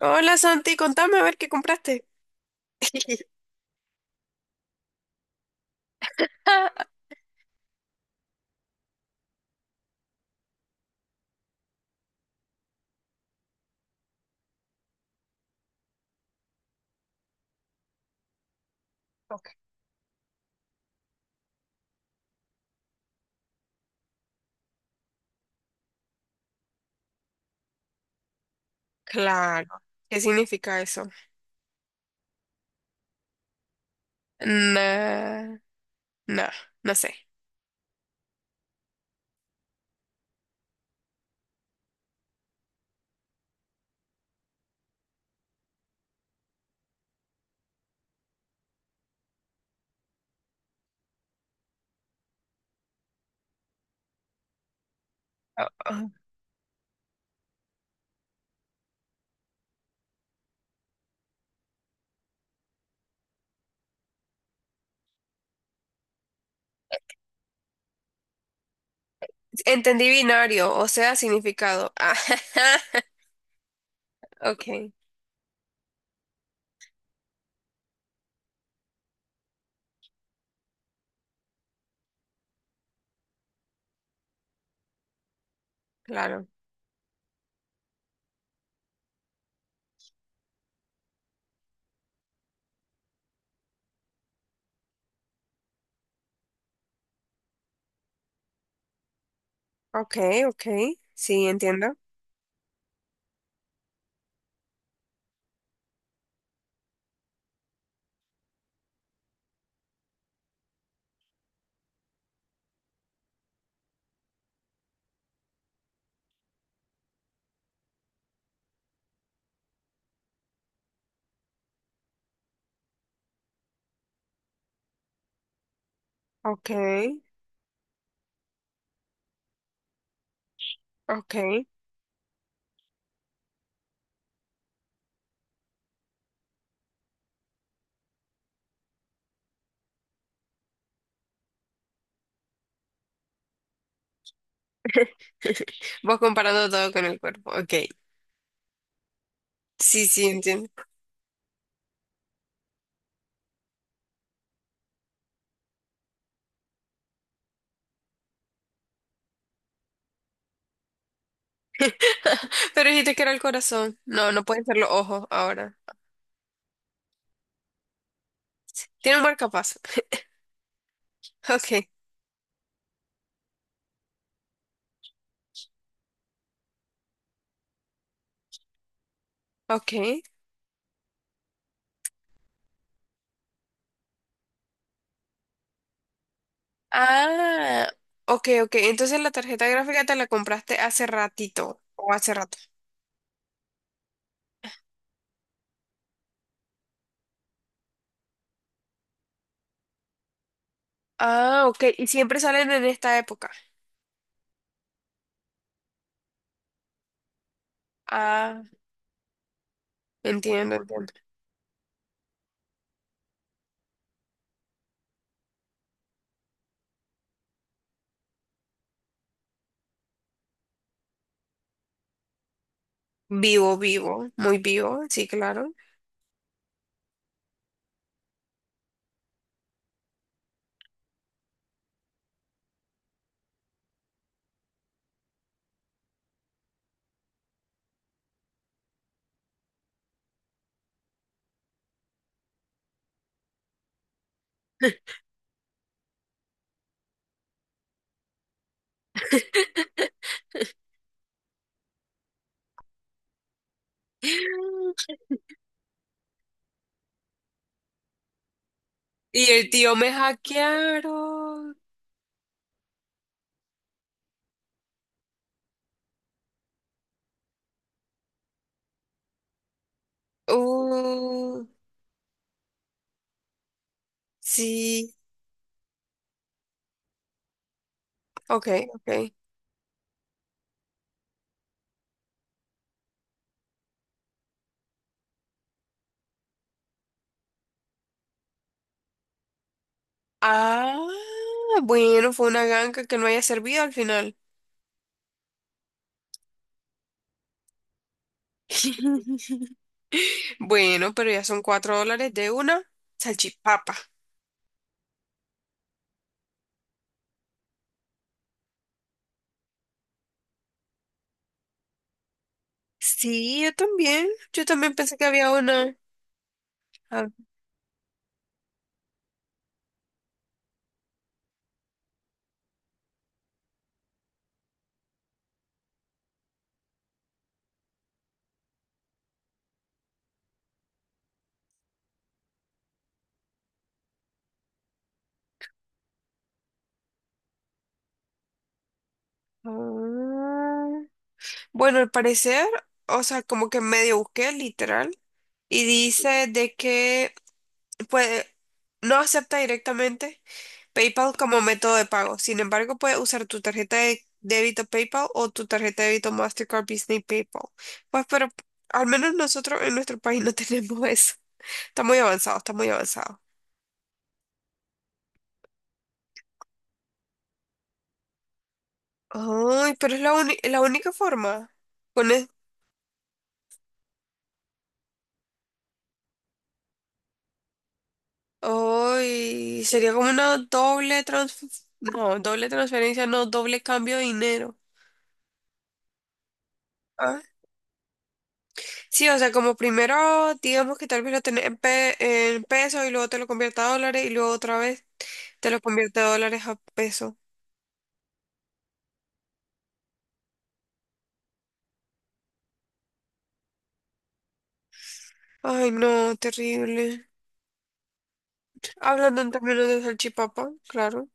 Hola Santi, contame a ver qué compraste. Claro, ¿qué significa eso? Nah, no, no sé. Oh, oh. Entendí binario, o sea, significado. Ok, claro. Ok, ok, sí, entiendo. Ok, ok. Vos comparando todo con el cuerpo. Ok, sí, sí, entiendo. Pero dijiste que era el corazón. No, no pueden ser los ojos ahora. Tiene un marcapaso. Ok, ok. Ah, ok, ok. Entonces la tarjeta gráfica te la compraste hace ratito o hace rato. Ah, ok. Y siempre salen en esta época. Ah, entiendo, entiendo. Vivo, vivo, muy vivo, sí, claro. Y el tío me hackearon. Uh, sí, ok, ok. Ah, bueno, fue una ganga que no haya servido al final. Bueno, pero ya son $4 de una salchipapa. Sí, yo también. Yo también pensé que había una. Ah, ah. Bueno, al parecer, o sea, como que medio busqué, literal, y dice de que puede, no acepta directamente PayPal como método de pago. Sin embargo, puedes usar tu tarjeta de débito PayPal o tu tarjeta de débito Mastercard Disney PayPal. Pues, pero al menos nosotros en nuestro país no tenemos eso. Está muy avanzado, está muy avanzado. Ay, pero es la única forma. Con Uy, sería como una doble No, doble transferencia, no, doble cambio de dinero. Ah. Sí, o sea, como primero, digamos que tal vez lo tenés en pesos y luego te lo convierte a dólares y luego otra vez te lo convierte de dólares a pesos. Ay, no, terrible. Hablando en términos de salchipapa, claro.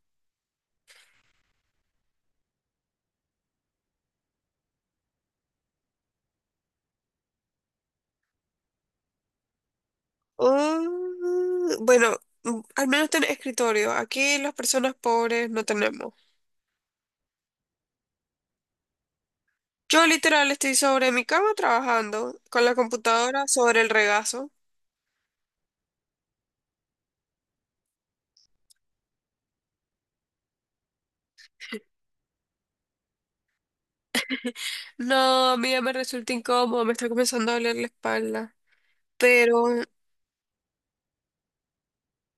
Bueno, al menos tenés escritorio. Aquí las personas pobres no tenemos. Yo literal estoy sobre mi cama trabajando con la computadora sobre el regazo. No, a mí ya me resulta incómodo, me está comenzando a doler la espalda. Pero,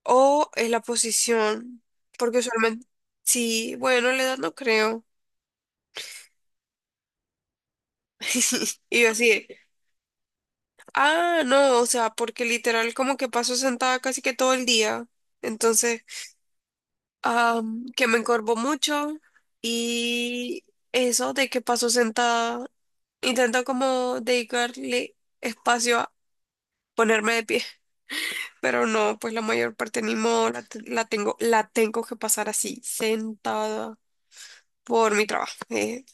o es la posición, porque usualmente, sí, bueno, la edad no creo. Y yo así, de, ah, no, o sea, porque literal como que paso sentada casi que todo el día. Entonces que me encorvó mucho y eso de que paso sentada, intento como dedicarle espacio a ponerme de pie, pero no, pues la mayor parte ni modo, la, la tengo que pasar así, sentada por mi trabajo.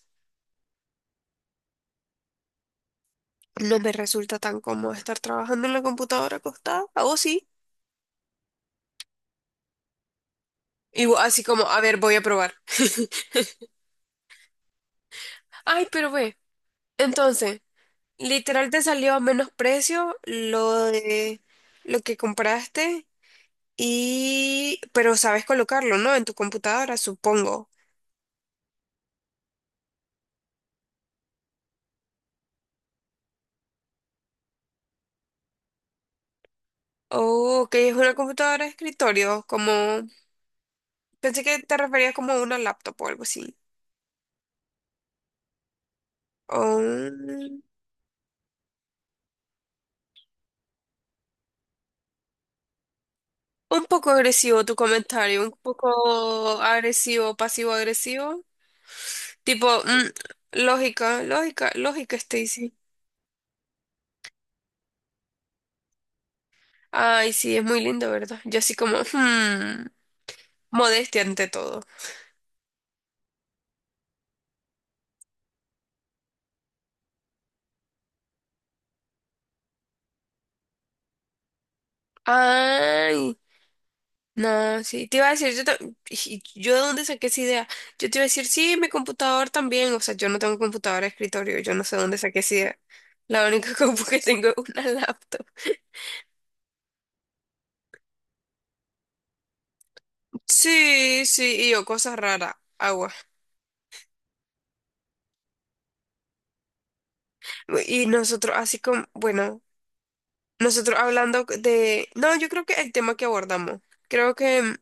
No me resulta tan cómodo estar trabajando en la computadora acostada, o sí, y así como, a ver, voy a probar. Ay, pero ve, entonces... Literal te salió a menos precio lo que compraste y pero sabes colocarlo, ¿no? En tu computadora, supongo. Oh, que es una computadora de escritorio, como pensé que te referías como a una laptop o algo así. Oh, un poco agresivo tu comentario, un poco agresivo, pasivo agresivo. Tipo, lógica, lógica, lógica, Stacy. Ay, sí, es muy lindo, ¿verdad? Yo así como, modestia ante todo. Ay, no, sí, te iba a decir, yo, yo de dónde saqué esa idea. Yo te iba a decir, sí, mi computador también. O sea, yo no tengo computadora de escritorio, yo no sé dónde saqué esa idea. La única compu que tengo es una laptop. Sí, sí, y yo, cosas raras, agua. Y nosotros, así como, bueno, nosotros hablando de, no, yo creo que el tema que abordamos, creo que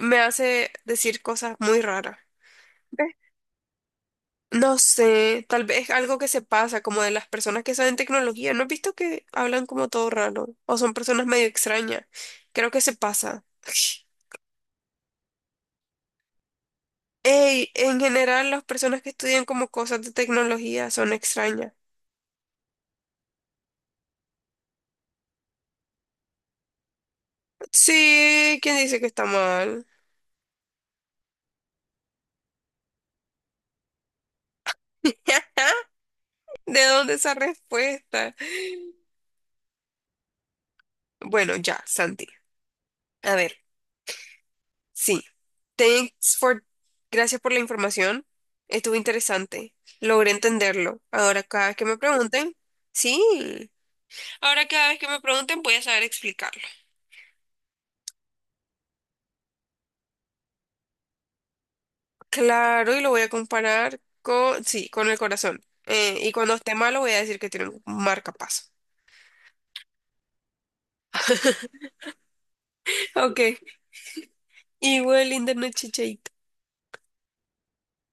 me hace decir cosas muy raras. No sé, tal vez algo que se pasa, como de las personas que saben tecnología. ¿No has visto que hablan como todo raro? O son personas medio extrañas. Creo que se pasa. Ey, en general las personas que estudian como cosas de tecnología son extrañas. Sí, ¿quién dice que está mal? ¿De dónde esa respuesta? Bueno, ya, Santi. A ver. Sí. Thanks for... Gracias por la información. Estuvo interesante. Logré entenderlo. Ahora cada vez que me pregunten, sí. Ahora cada vez que me pregunten voy a saber explicarlo. Claro, y lo voy a comparar con, sí, con el corazón. Y cuando esté malo voy a decir que tiene un marcapaso. Ok. Igual, linda noche, chaito.